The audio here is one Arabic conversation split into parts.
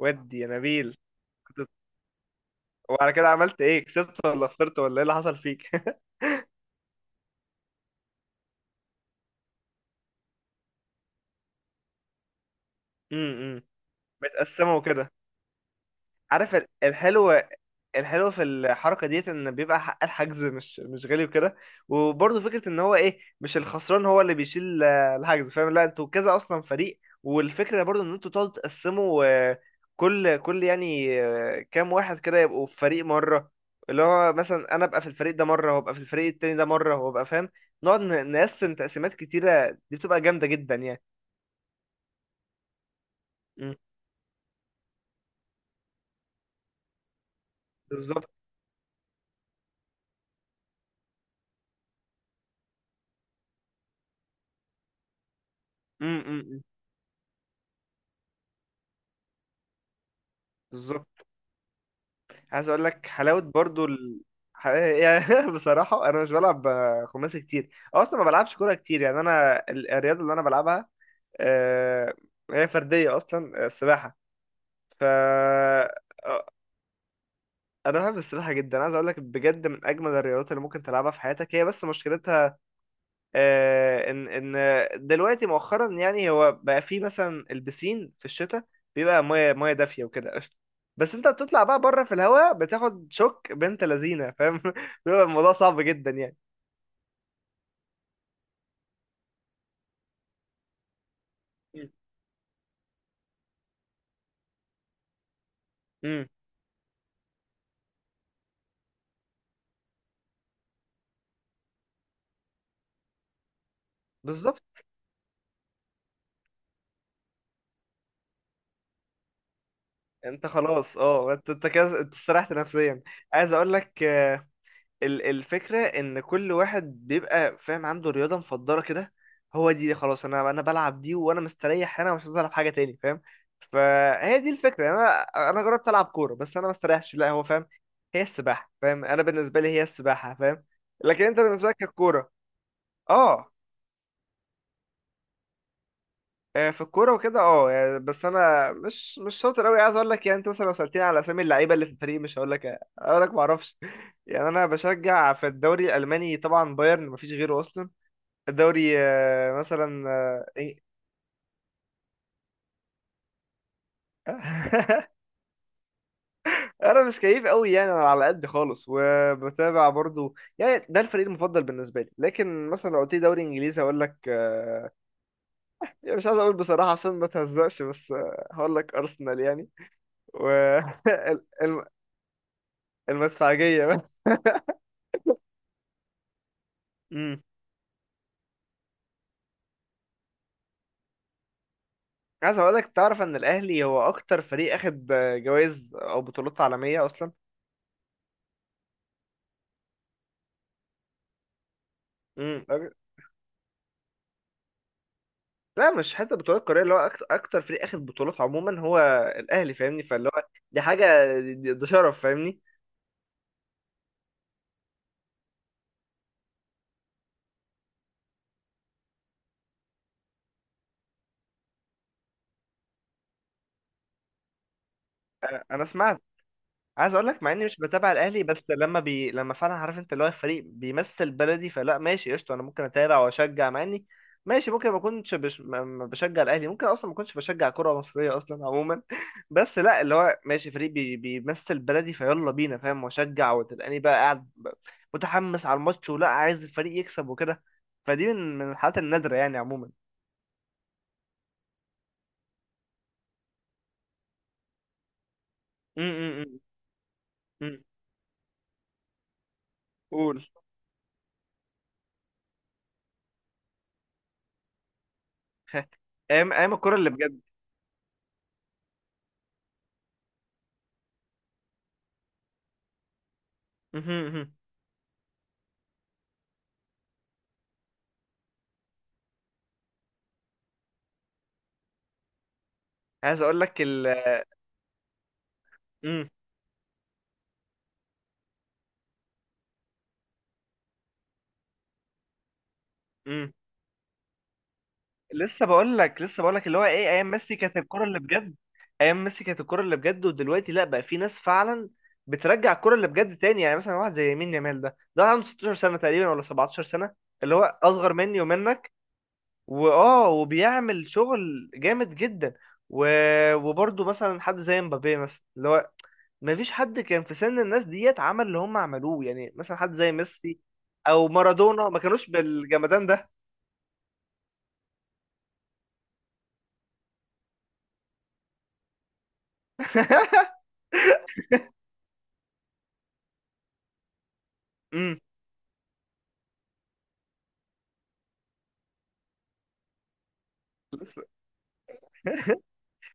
ودي يا نبيل. كنت- وعلى كده عملت ايه؟ كسبت ولا خسرت ولا ايه اللي حصل فيك؟ امم، متقسمه وكده. عارف الحلو، الحلو في الحركه ديت ان بيبقى حق الحجز مش غالي وكده. وبرضه فكره ان هو ايه، مش الخسران هو اللي بيشيل الحجز، فاهم؟ لا انتوا كذا اصلا فريق، والفكره برضه ان انتوا تقعدوا تقسموا، كل يعني كام واحد كده يبقوا في فريق مره. اللي هو مثلا انا ابقى في الفريق ده مره، وابقى في الفريق التاني ده مره، وابقى فاهم، نقعد نقسم تقسيمات كتيره، دي بتبقى جامده جدا يعني. مم. بالظبط. امم. بالظبط. عايز اقول لك حلاوه برضو يعني بصراحه انا مش بلعب خماسي كتير، أو اصلا ما بلعبش كوره كتير يعني. انا الرياضه اللي انا بلعبها، آه، هي فرديه اصلا، السباحه. ف آه، انا بحب السباحه جدا. عايز اقول لك بجد، من اجمل الرياضات اللي ممكن تلعبها في حياتك هي، بس مشكلتها آه، ان ان دلوقتي مؤخرا يعني، هو بقى في مثلا البسين في الشتاء بيبقى ميه ميه دافيه وكده قشطه، بس انت بتطلع بقى بره في الهواء بتاخد شوك بنت لذينه فاهم بيبقى الموضوع صعب جدا يعني. امم. بالظبط. انت خلاص، اه، انت، انت كده استريحت نفسيا. عايز اقول لك الفكرة إن كل واحد بيبقى فاهم عنده رياضة مفضلة كده، هو دي خلاص. أنا بلعب دي وأنا مستريح هنا، مش عايز ألعب حاجة تاني فاهم. فهي دي الفكرة يعني. أنا جربت ألعب كورة بس أنا ما استريحش لا، هو فاهم، هي السباحة فاهم، أنا بالنسبة لي هي السباحة فاهم، لكن أنت بالنسبة لك الكورة. أه، في الكورة وكده أه يعني، بس أنا مش شاطر أوي عايز أقول لك يعني. أنت مثلا لو سألتني على أسامي اللعيبة اللي في الفريق مش هقول لك، هقول لك معرفش يعني. انا بشجع في الدوري الالماني طبعا بايرن، مفيش غيره اصلا. الدوري مثلا إيه؟ انا مش كيف قوي يعني، انا على قد خالص وبتابع برضو يعني، ده الفريق المفضل بالنسبه لي. لكن مثلا لو قلت لي دوري انجليزي هقول لك يعني مش عايز اقول بصراحه عشان ما تهزقش، بس هقول لك ارسنال يعني. و ال- الم- المدفعجيه بس. أمم. عايز اقول لك تعرف ان الاهلي هو اكتر فريق اخد جوائز او بطولات عالميه اصلا. امم. لا مش حتى بطولات قارية، اللي هو أكتر فريق أخد بطولات عموما هو الأهلي فاهمني، فاللي هو دي حاجة، ده شرف فاهمني. أنا سمعت. عايز اقول لك مع اني مش بتابع الاهلي، بس لما فعلا عارف انت اللي هو الفريق بيمثل بلدي فلا ماشي قشطه، انا ممكن اتابع واشجع. مع اني ماشي ممكن ما بشجع الاهلي، ممكن اصلا ما اكونش بشجع كره مصريه اصلا عموما بس لا اللي هو ماشي، فريق بيمثل بلدي فيلا بينا فاهم، واشجع وتلقاني بقى قاعد متحمس على الماتش ولا عايز الفريق يكسب وكده. فدي من الحالات النادره يعني عموما. امم. امم. قول. ايام، ايام الكره اللي بجد. م- م- م. عايز اقول لك امم. لسه بقول لك، لسه بقول لك اللي هو ايه، ايام ميسي كانت الكرة اللي بجد. ايام ميسي كانت الكرة اللي بجد، ودلوقتي لا بقى في ناس فعلا بترجع الكرة اللي بجد تاني يعني. مثلا واحد زي يمين يامال ده واحد عنده 16 سنة تقريبا ولا 17 سنة، اللي هو اصغر مني ومنك، واه وبيعمل شغل جامد جدا. و، وبرضه مثلا حد زي مبابي مثلا، اللي هو مفيش حد كان في سن الناس ديت عمل اللي هم عملوه يعني. مثلا حد زي ميسي او مارادونا ما كانوش بالجمدان ده. امم.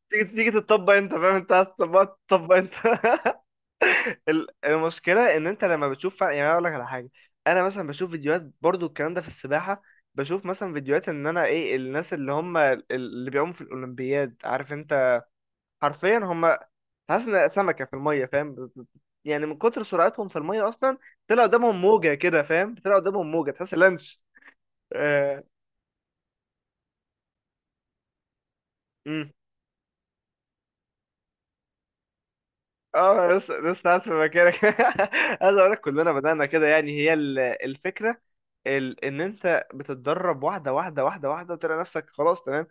تيجي تطبق، انت فاهم، انت عايز تطبقها تطبق انت المشكله ان انت لما بتشوف يعني انا اقول لك على حاجه. انا مثلا بشوف فيديوهات برضو الكلام ده في السباحه. بشوف مثلا فيديوهات ان انا ايه، الناس اللي هم اللي بيعوموا في الاولمبياد، عارف انت، حرفيا هم، حاسس ان سمكه في الميه فاهم، يعني من كتر سرعتهم في الميه اصلا، طلع قدامهم موجه كده فاهم، طلع قدامهم موجه تحس لانش. آه. اه لسه، لسه قاعد في مكانك عايز اقول لك كلنا بدأنا كده يعني. هي الفكرة ان انت بتتدرب واحدة، وتلاقي نفسك خلاص تمام.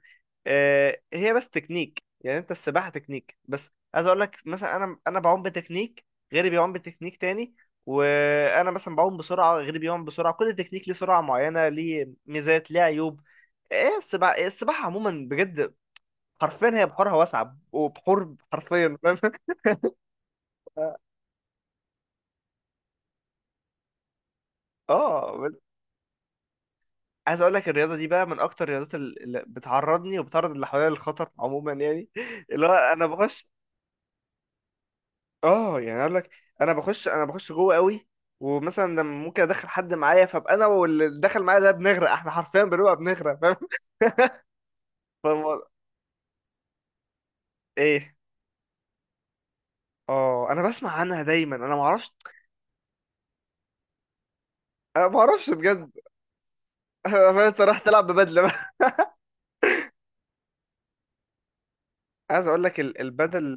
آه هي بس تكنيك يعني، انت السباحة تكنيك بس. عايز اقول لك مثلا، انا بعوم بتكنيك، غيري بيعوم بتكنيك تاني. وانا مثلا بعوم بسرعة، غيري بيعوم بسرعة، كل تكنيك ليه سرعة معينة، ليه ميزات، ليه عيوب. ايه السباحة، السباحة عموما بجد حرفيا هي بحورها واسعة، وبحور حرفيا فاهم اه. عايز اقول لك الرياضه دي بقى من اكتر الرياضات اللي بتعرضني وبتعرض اللي حواليا للخطر عموما يعني. اللي هو انا بخش، اه يعني اقول لك، انا بخش، انا بخش جوه قوي. ومثلا لما ممكن ادخل حد معايا، فابقى انا واللي دخل معايا ده بنغرق، احنا حرفيا بنغرق فاهم. فالموضوع- ايه؟ اه انا بسمع عنها دايما، انا ما اعرفش. انا ما اعرفش بجد. انت رايح تلعب ببدله بقى؟ عايز اقول لك البدل،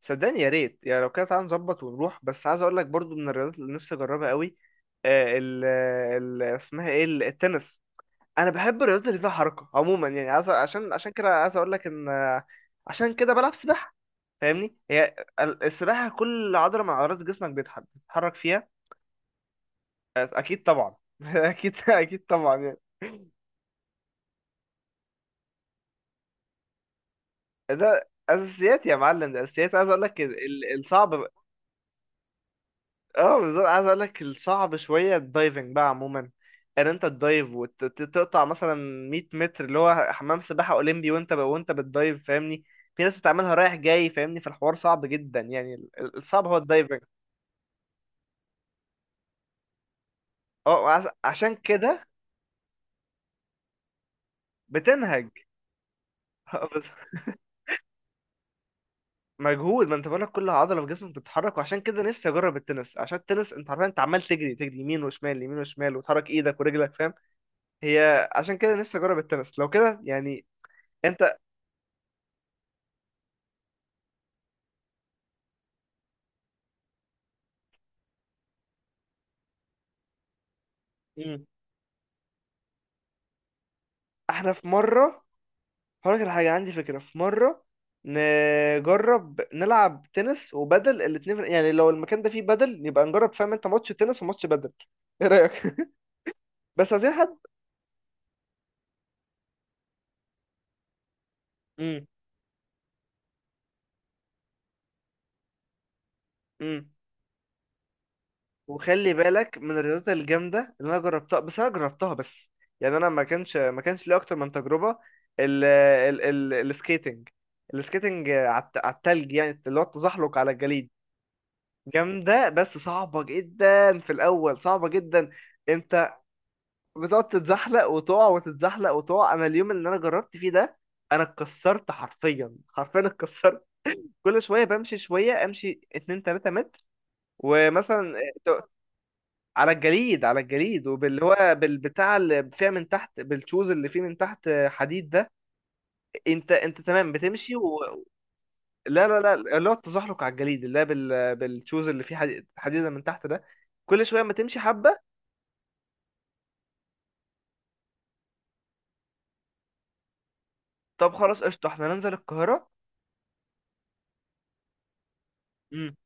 صدقني يا ريت يعني. لو كده تعالى نظبط ونروح. بس عايز اقول لك برضو من الرياضات اللي نفسي اجربها قوي آه، ال ال اسمها ايه، التنس. انا بحب الرياضات اللي فيها حركه عموما يعني. عايز، عشان كده عايز اقول لك ان عشان كده بلعب سباحه فاهمني. هي السباحه كل عضله من عضلات جسمك بتتحرك فيها. اكيد طبعا اكيد طبعا يعني. ده اساسيات يا معلم، ده اساسيات. عايز اقول لك الصعب، اه بالظبط، عايز اقول لك الصعب شويه الدايفنج بقى عموما، ان انت تدايف وتقطع مثلا 100 متر اللي هو حمام سباحه اولمبي، وانت وانت بتدايف فاهمني. في ناس بتعملها رايح جاي فاهمني، فالحوار صعب جدا يعني، الصعب هو الدايفنج. اه عشان كده بتنهج. بس مجهود، ما انت بقولك كل عضله في جسمك بتتحرك، وعشان كده نفسي اجرب التنس، عشان التنس انت عارف انت عمال تجري، تجري يمين وشمال، يمين وشمال، وتحرك ايدك ورجلك فاهم. هي عشان كده نفسي اجرب التنس لو كده يعني. انت، احنا في مرة، هقولك على حاجة، عندي فكرة. في مرة نجرب نلعب تنس وبدل الاتنين، يعني لو المكان ده فيه بدل يبقى نجرب فاهم انت، ماتش تنس وماتش بدل، ايه رأيك؟ بس عايزين حد. امم. امم. وخلي بالك من الرياضات الجامدة اللي انا جربتها، بس انا جربتها بس يعني، انا ما كانش لي اكتر من تجربة ال ال ال السكيتنج، السكيتنج على على التلج، يعني اللي هو التزحلق على الجليد. جامدة بس صعبة جدا في الأول، صعبة جدا. انت بتقعد تتزحلق وتقع، وتتزحلق وتقع. انا اليوم اللي انا جربت فيه ده انا اتكسرت، حرفيا حرفيا اتكسرت. كل شويه بمشي شويه، امشي 2 3 متر ومثلا ت- على الجليد، على الجليد، وباللي هو بالبتاع اللي فيها من تحت، بالشوز اللي فيه من تحت حديد ده. انت، انت تمام بتمشي و... لا لا لا، اللي هو التزحلق على الجليد اللي هو بالشوز اللي فيه حديد، حديده من تحت ده، كل شويه ما تمشي حبه. طب خلاص قشطه، احنا ننزل القاهره. امم.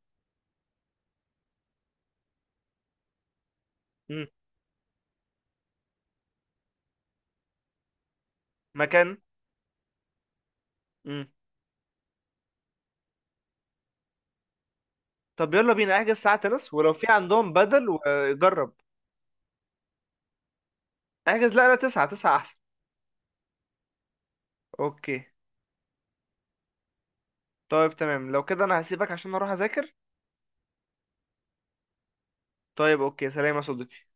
امم. مكان. طب يلا بينا، احجز ساعة تنس، ولو في عندهم بدل وجرب. احجز، لا لا، تسعة، تسعة احسن. اوكي. طيب تمام، لو كده انا هسيبك عشان اروح اذاكر. طيب اوكي، سلام يا صديقي.